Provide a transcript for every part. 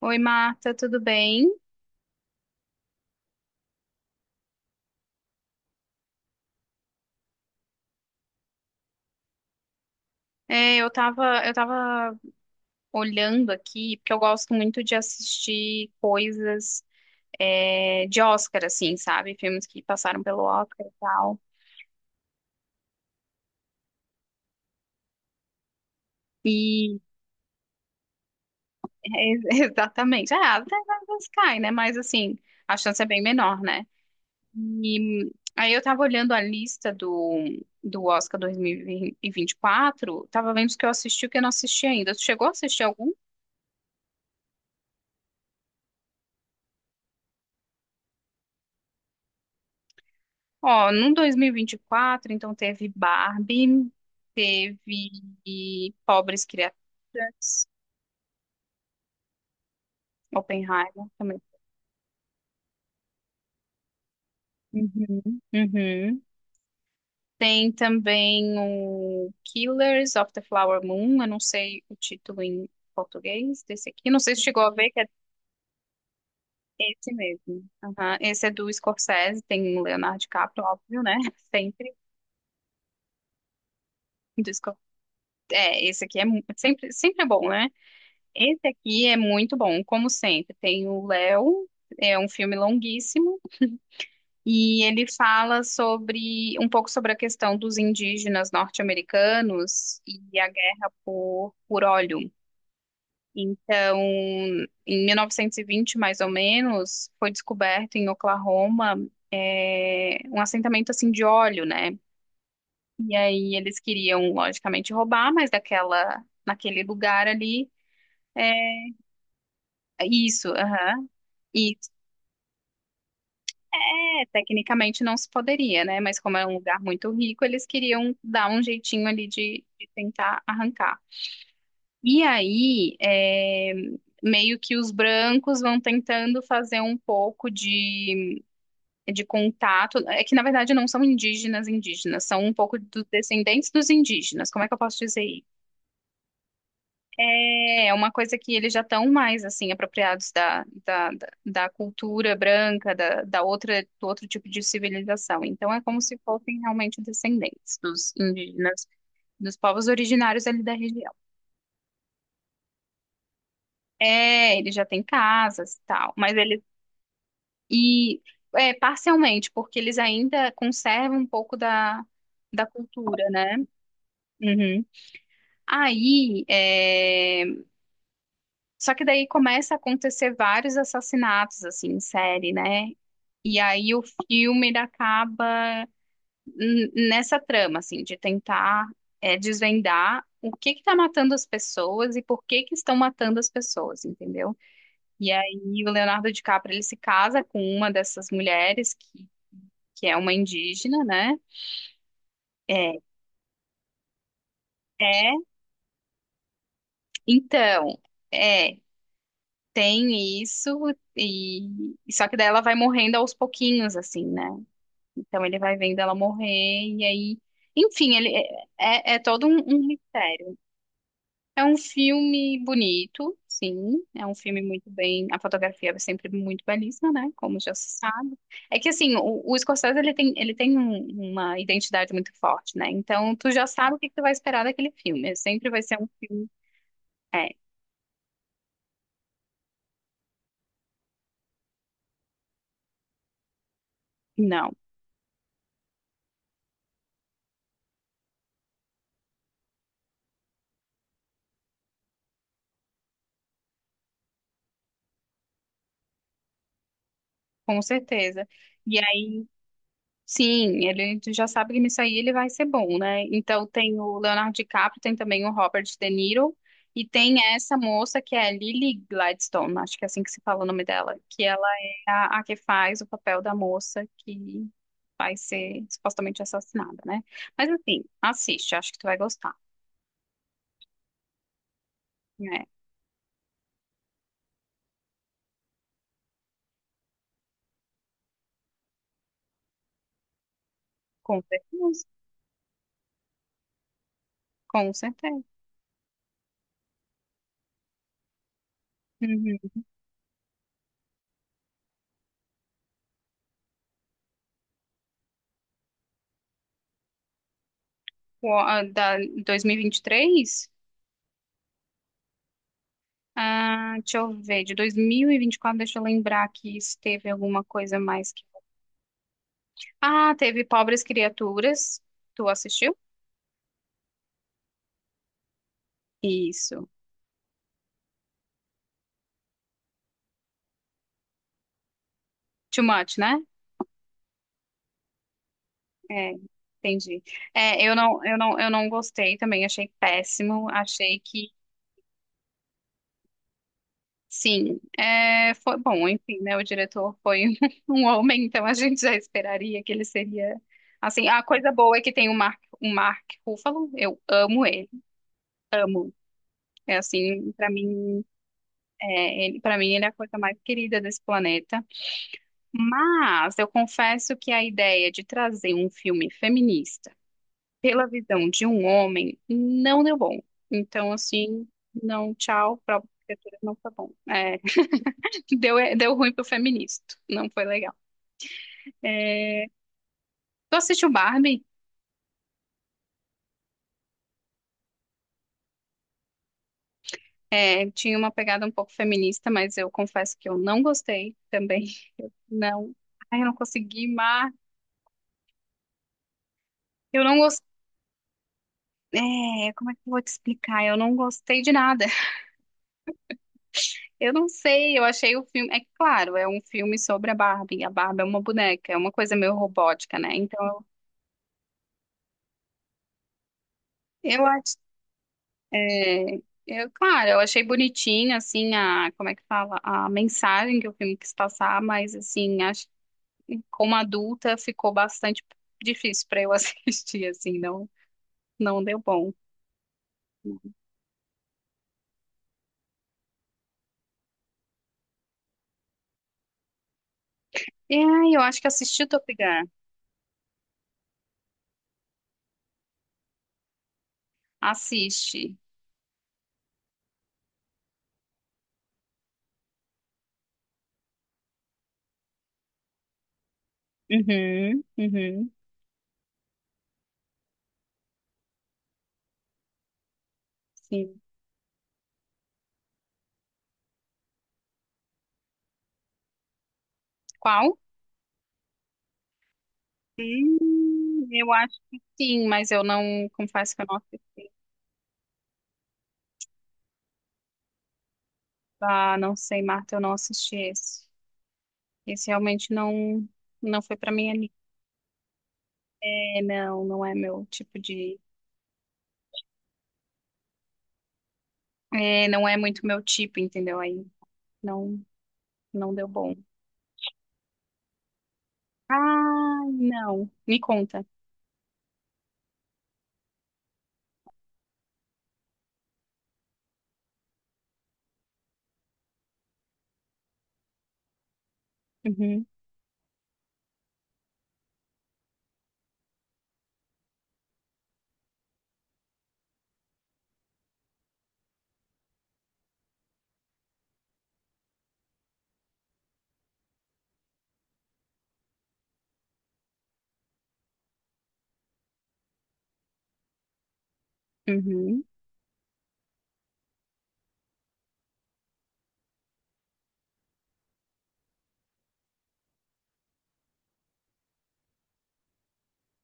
Oi, Marta, tudo bem? Eu tava olhando aqui, porque eu gosto muito de assistir coisas, de Oscar, assim, sabe? Filmes que passaram pelo Oscar e tal. E, é, exatamente, ah, até às vezes cai, né? Mas, assim, a chance é bem menor, né? E aí eu tava olhando a lista do Oscar 2024, tava vendo os que eu assisti e o que eu não assisti ainda. Tu chegou a assistir algum? Ó, no 2024, então teve Barbie, teve Pobres Criaturas, Oppenheimer também. Uhum. Uhum. Tem também o Killers of the Flower Moon, eu não sei o título em português desse aqui, não sei se chegou a ver que é esse mesmo. Aham, esse é do Scorsese, tem o Leonardo DiCaprio, óbvio, né? Sempre do Scor- esse aqui é sempre é bom, né? Esse aqui é muito bom, como sempre. Tem o Léo, é um filme longuíssimo, e ele fala sobre um pouco sobre a questão dos indígenas norte-americanos e a guerra por óleo. Então, em 1920, mais ou menos, foi descoberto em Oklahoma um assentamento assim de óleo, né? E aí eles queriam, logicamente, roubar, mas naquele lugar ali, é, isso, aham. É, tecnicamente não se poderia, né? Mas como é um lugar muito rico, eles queriam dar um jeitinho ali de tentar arrancar. E aí, meio que os brancos vão tentando fazer um pouco de contato. É que, na verdade, não são indígenas indígenas, são um pouco dos descendentes dos indígenas. Como é que eu posso dizer isso? É é uma coisa que eles já estão mais assim apropriados da cultura branca, da outra, do outro tipo de civilização. Então é como se fossem realmente descendentes dos indígenas, dos povos originários ali da região. É, eles já têm casas e tal, mas eles e é, parcialmente porque eles ainda conservam um pouco da cultura, né? Uhum. Aí, só que daí começa a acontecer vários assassinatos assim em série, né? E aí o filme ele acaba nessa trama, assim, de tentar desvendar o que que tá matando as pessoas e por que que estão matando as pessoas, entendeu? E aí o Leonardo DiCaprio ele se casa com uma dessas mulheres que é uma indígena, né? É, é, então, é, tem isso e só que daí ela vai morrendo aos pouquinhos, assim, né? Então ele vai vendo ela morrer e aí, enfim, ele é todo um mistério. É um filme bonito, sim, é um filme muito bem, a fotografia é sempre muito belíssima, né? Como já se sabe. É que assim, o Scorsese ele tem uma identidade muito forte, né? Então tu já sabe o que que tu vai esperar daquele filme. Sempre vai ser um filme, não, com certeza. E Sim, ele tu já sabe que nisso aí ele vai ser bom, né? Então tem o Leonardo DiCaprio, tem também o Robert De Niro e tem essa moça que é a Lily Gladstone, acho que é assim que se fala o nome dela, que ela é a que faz o papel da moça que vai ser supostamente assassinada, né? Mas assim, assiste, acho que tu vai gostar, né? Com certeza, com certeza. Uhum. O- a- Da 2023? Ah, deixa eu ver, de 2024. Deixa eu lembrar que se teve alguma coisa mais que. Ah, teve Pobres Criaturas. Tu assistiu? Isso. Too much, né? É, entendi. É, eu não gostei também, achei péssimo. Achei que, sim, é, foi bom, enfim, né? O diretor foi um homem, então a gente já esperaria que ele seria. Assim, a coisa boa é que tem o Mark Ruffalo, eu amo ele, amo. É assim, pra mim. É, ele, para mim, ele é a coisa mais querida desse planeta. Mas eu confesso que a ideia de trazer um filme feminista pela visão de um homem não deu bom. Então, assim, não, tchau, pra criatura não foi bom. É, deu, é, deu ruim pro feminista, não foi legal. Tu assistiu Barbie? É, tinha uma pegada um pouco feminista, mas eu confesso que eu não gostei também. Não. Ai, eu não consegui, mas eu não gostei. É, como é que eu vou te explicar? Eu não gostei de nada. Eu não sei, eu achei o filme. É que, claro, é um filme sobre a Barbie. A Barbie é uma boneca, é uma coisa meio robótica, né? Então, eu acho. É, eu, claro, eu achei bonitinho, assim, a. Como é que fala? A mensagem que o filme quis passar, mas, assim, acho que como adulta ficou bastante difícil pra eu assistir, assim, não, não deu bom. E aí, eu acho que assisti o Top Gun. Assiste. Uhum, uhum, sim. Qual? Eu acho que sim, mas eu não, confesso que eu não, assisti. Ah, não sei, Marta, eu não assisti esse. Esse realmente não, não foi pra mim ali. É, não, não é meu tipo é, não é muito meu tipo, entendeu? Aí não, não deu bom. Ah, não, me conta. Uhum, uhum.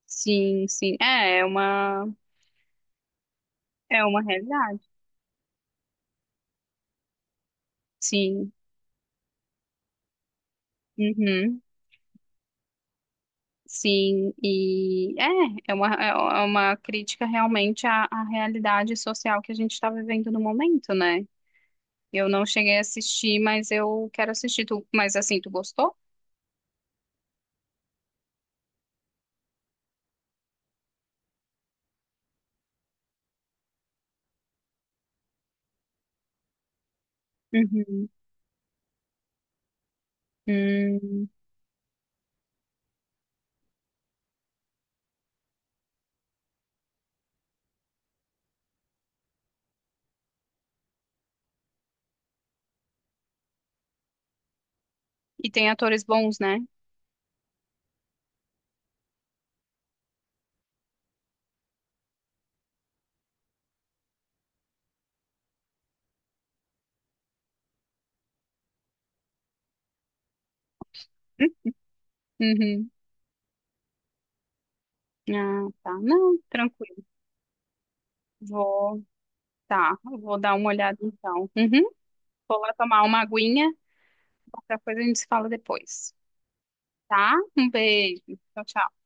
Sim, sim, é uma realidade. Sim, uhum. Sim, é uma, é uma crítica realmente à realidade social que a gente está vivendo no momento, né? Eu não cheguei a assistir, mas eu quero assistir. Tu, mas assim, tu gostou? Uhum. Hum. E tem atores bons, né? Uhum. Ah, tá. Não, tranquilo. Vou, tá, vou dar uma olhada então. Uhum. Vou lá tomar uma aguinha. Qualquer coisa a gente se fala depois, tá? Um beijo. Tchau, tchau.